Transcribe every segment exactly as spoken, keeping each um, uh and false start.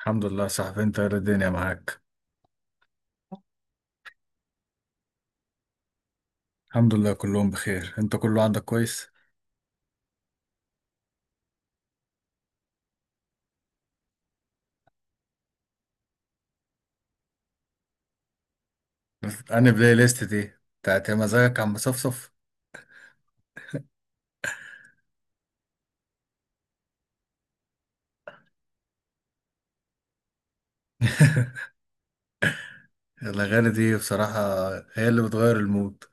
الحمد لله يا صاحبي، انت ايه الدنيا معاك؟ الحمد لله كلهم بخير. انت كله عندك كويس؟ بس انا بلاي ليست دي بتاعت يا مزاجك عم صفصف. الاغاني دي بصراحة هي اللي بتغير المود.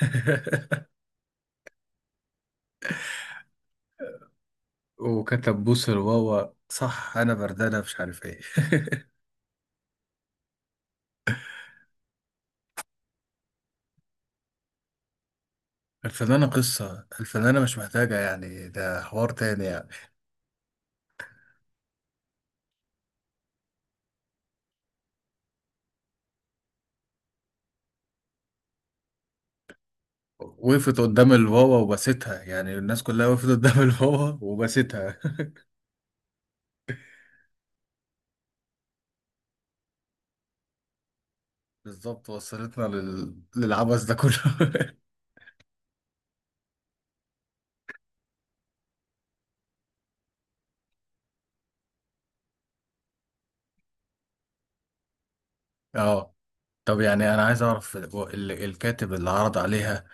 وكتب بوس الواوا، صح؟ انا بردانة مش عارف ايه. الفنانة، قصة الفنانة مش محتاجة، يعني ده حوار تاني يعني. وقفت قدام الواوا وبستها، يعني الناس كلها وقفت قدام الواوا وبستها. بالظبط، وصلتنا لل... للعبث ده كله. اه، طب يعني انا عايز اعرف هو ال- الكاتب اللي عرض عليها،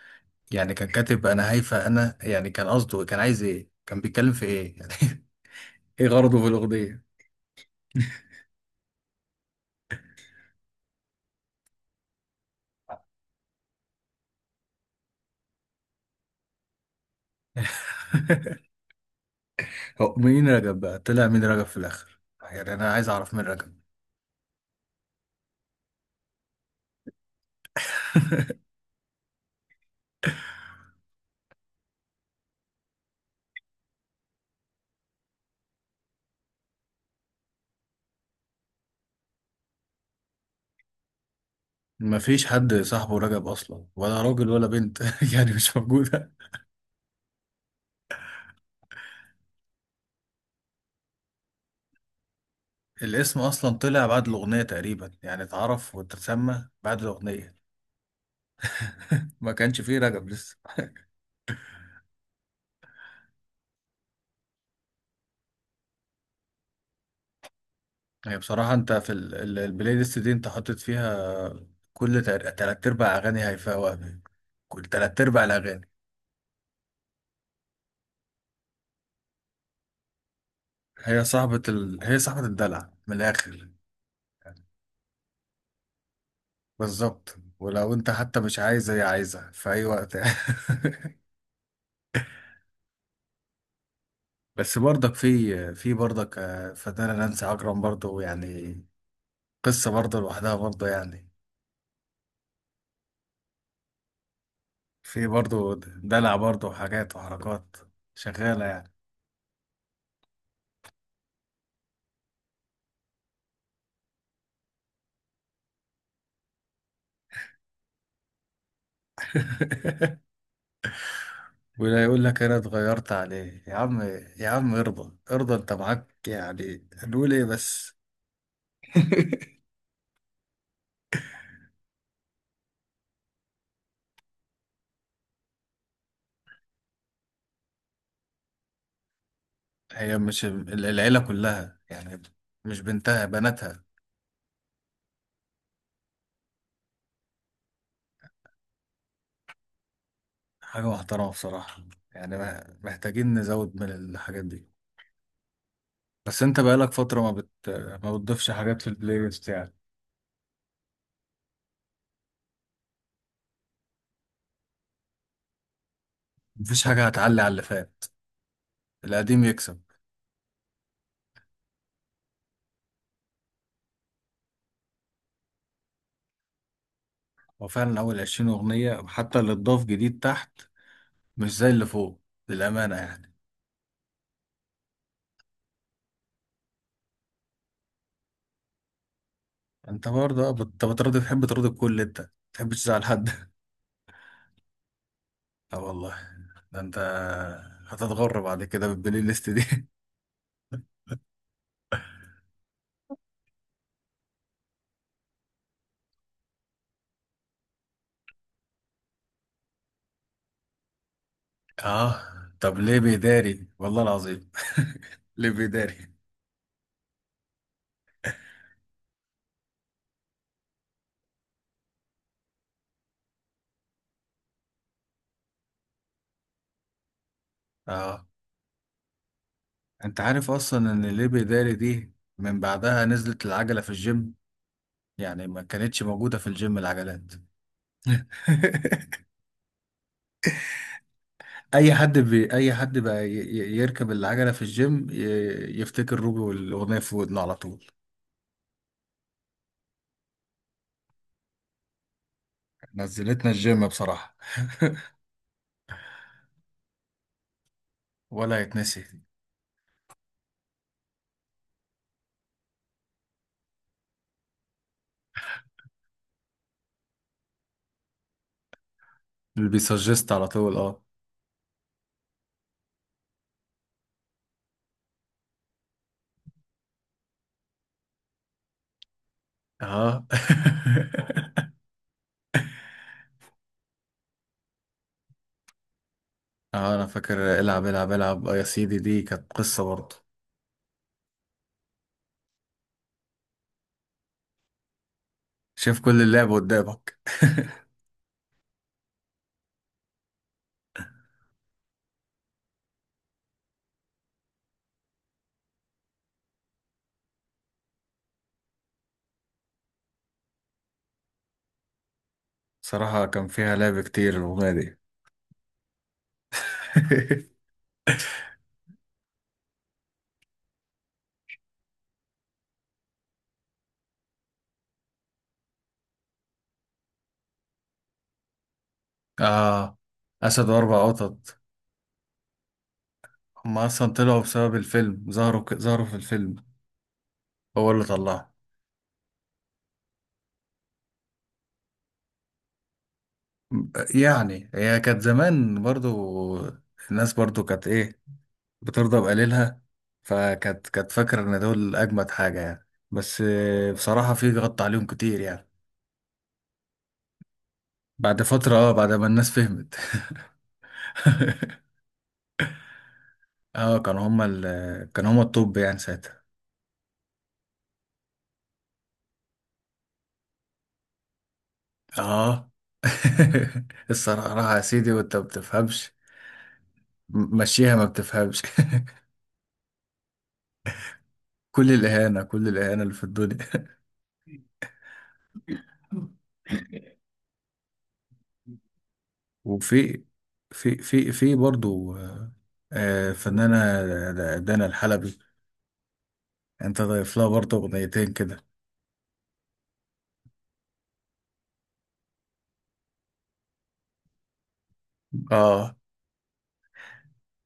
يعني كان كاتب انا هايفه انا، يعني كان قصده كان عايز ايه، كان بيتكلم في ايه يعني؟ ايه غرضه في الاغنيه؟ هو مين رجب بقى، طلع مين رجب في الاخر؟ يعني انا عايز اعرف مين رجب. مفيش حد صاحبه رجب اصلا، ولا راجل ولا بنت. يعني مش موجوده. الاسم اصلا طلع بعد الاغنيه تقريبا، يعني اتعرف واتسمى بعد الاغنيه. ما كانش فيه رجب لسه. هي بصراحة، انت في ال- ال- البلاي ليست دي انت حاطط فيها كل تل- تلات ارباع اغاني هيفاء وهبي، كل تلات ارباع الاغاني. هي صاحبة ال... هي صاحبة الدلع من الاخر. بالظبط، ولو انت حتى مش عايزة هي عايزة في اي وقت. بس برضك في في برضك، آه، فنانة نانسي عجرم برضه يعني. قصة برضه لوحدها برضه يعني. في برضه دلع برضه وحاجات وحركات شغالة يعني. ولا يقول لك انا اتغيرت عليه يا عم. يا عم، ارضى ارضى انت معاك، يعني هنقول ايه بس. هي مش ال- العيلة كلها يعني؟ مش بنتها، بناتها. حاجة محترمة بصراحة، يعني مه- محتاجين نزود من الحاجات دي. بس انت بقالك فترة ما بت... ما بتضيفش حاجات في البلاي ليست يعني. مفيش حاجة هتعلي على اللي فات، القديم يكسب. هو فعلا أول عشرين أغنية، حتى اللي اتضاف جديد تحت مش زي اللي فوق للأمانة يعني. انت برضه، اه، بت- بترضي تحب ترضي الكل، انت ما تحبش تزعل حد. اه والله، ده انت هتتغر بعد كده بالبلاي ليست دي. اه، طب ليه بيداري والله العظيم! ليه بيداري. اه، انت عارف اصلا ان ليه بيداري دي من بعدها نزلت العجلة في الجيم، يعني ما كانتش موجودة في الجيم العجلات. اي حد بي... اي حد بقى ي... ي- يركب العجلة في الجيم، ي... يفتكر روبي والاغنية في ودنه على طول. نزلتنا الجيم بصراحة، ولا يتنسي. اللي بيسجست على طول، اه، اه. اه، انا فاكر العب العب العب، آه يا سيدي، دي كانت قصة برضه. شايف كل اللعب قدامك. صراحة كان فيها لعب كتير الأغنية دي. اه، أسد وأربع قطط. هما أصلا طلعوا بسبب الفيلم، ظهروا ك... ظهروا في الفيلم. هو اللي طلعهم. يعني هي كانت زمان برضو، الناس برضو كانت إيه، بترضى بقليلها. فكانت كانت فاكرة إن دول أجمد حاجة يعني، بس آه، بصراحة في غط عليهم كتير يعني. بعد فترة، اه، بعد ما الناس فهمت. اه، كانوا هما ال كانوا هما الطب يعني ساعتها. اه. الصراحة يا سيدي، وانت ما بتفهمش، م- مشيها ما بتفهمش. كل الإهانة كل الإهانة اللي في الدنيا. وفي، في في في برضو، آه، آه، فنانة، آه، دانا الحلبي. انت ضايف لها برضو أغنيتين كده. اه،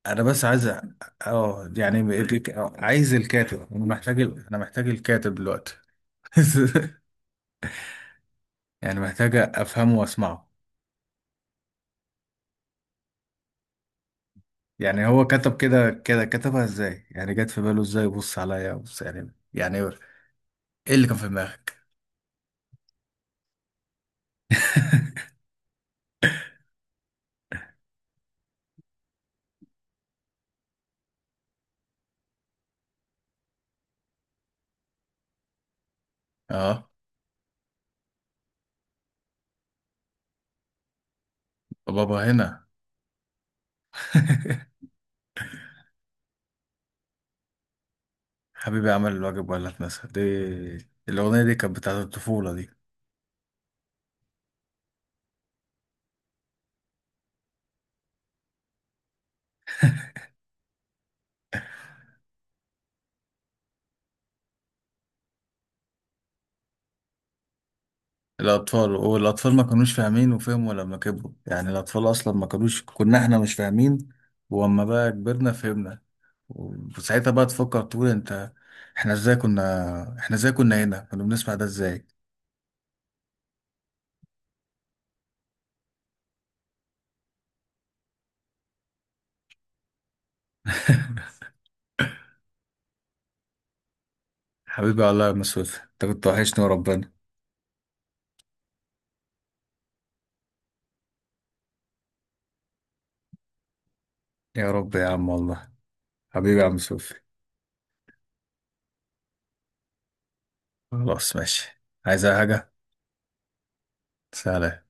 انا بس عايز أ- اه، يعني، ب- ك- ك- آه، عايز الكاتب، انا محتاج ال... انا محتاج الكاتب دلوقتي. يعني محتاج افهمه واسمعه. يعني هو كتب كده كده، كتبها ازاي؟ يعني جت في باله ازاي؟ بص عليا بص، يعني يعني ايه اللي كان في دماغك؟ اه، بابا هنا. حبيبي عمل الواجب ولا اتنسى دي، الاغنيه دي كانت بتاعت الطفوله دي. الاطفال والاطفال ما كانوش فاهمين، وفهموا لما كبروا، يعني الاطفال اصلا ما كانوش، كنا احنا مش فاهمين، واما بقى كبرنا فهمنا، وساعتها بقى تفكر تقول انت احنا ازاي كنا احنا ازاي كنا هنا كنا بنسمع ده ازاي؟ حبيبي والله يا عم سوفي انت كنت وحشني وربنا. يا رب يا عم والله. حبيبي يا عم سوفي. خلاص ماشي، عايز أي حاجة؟ سلام.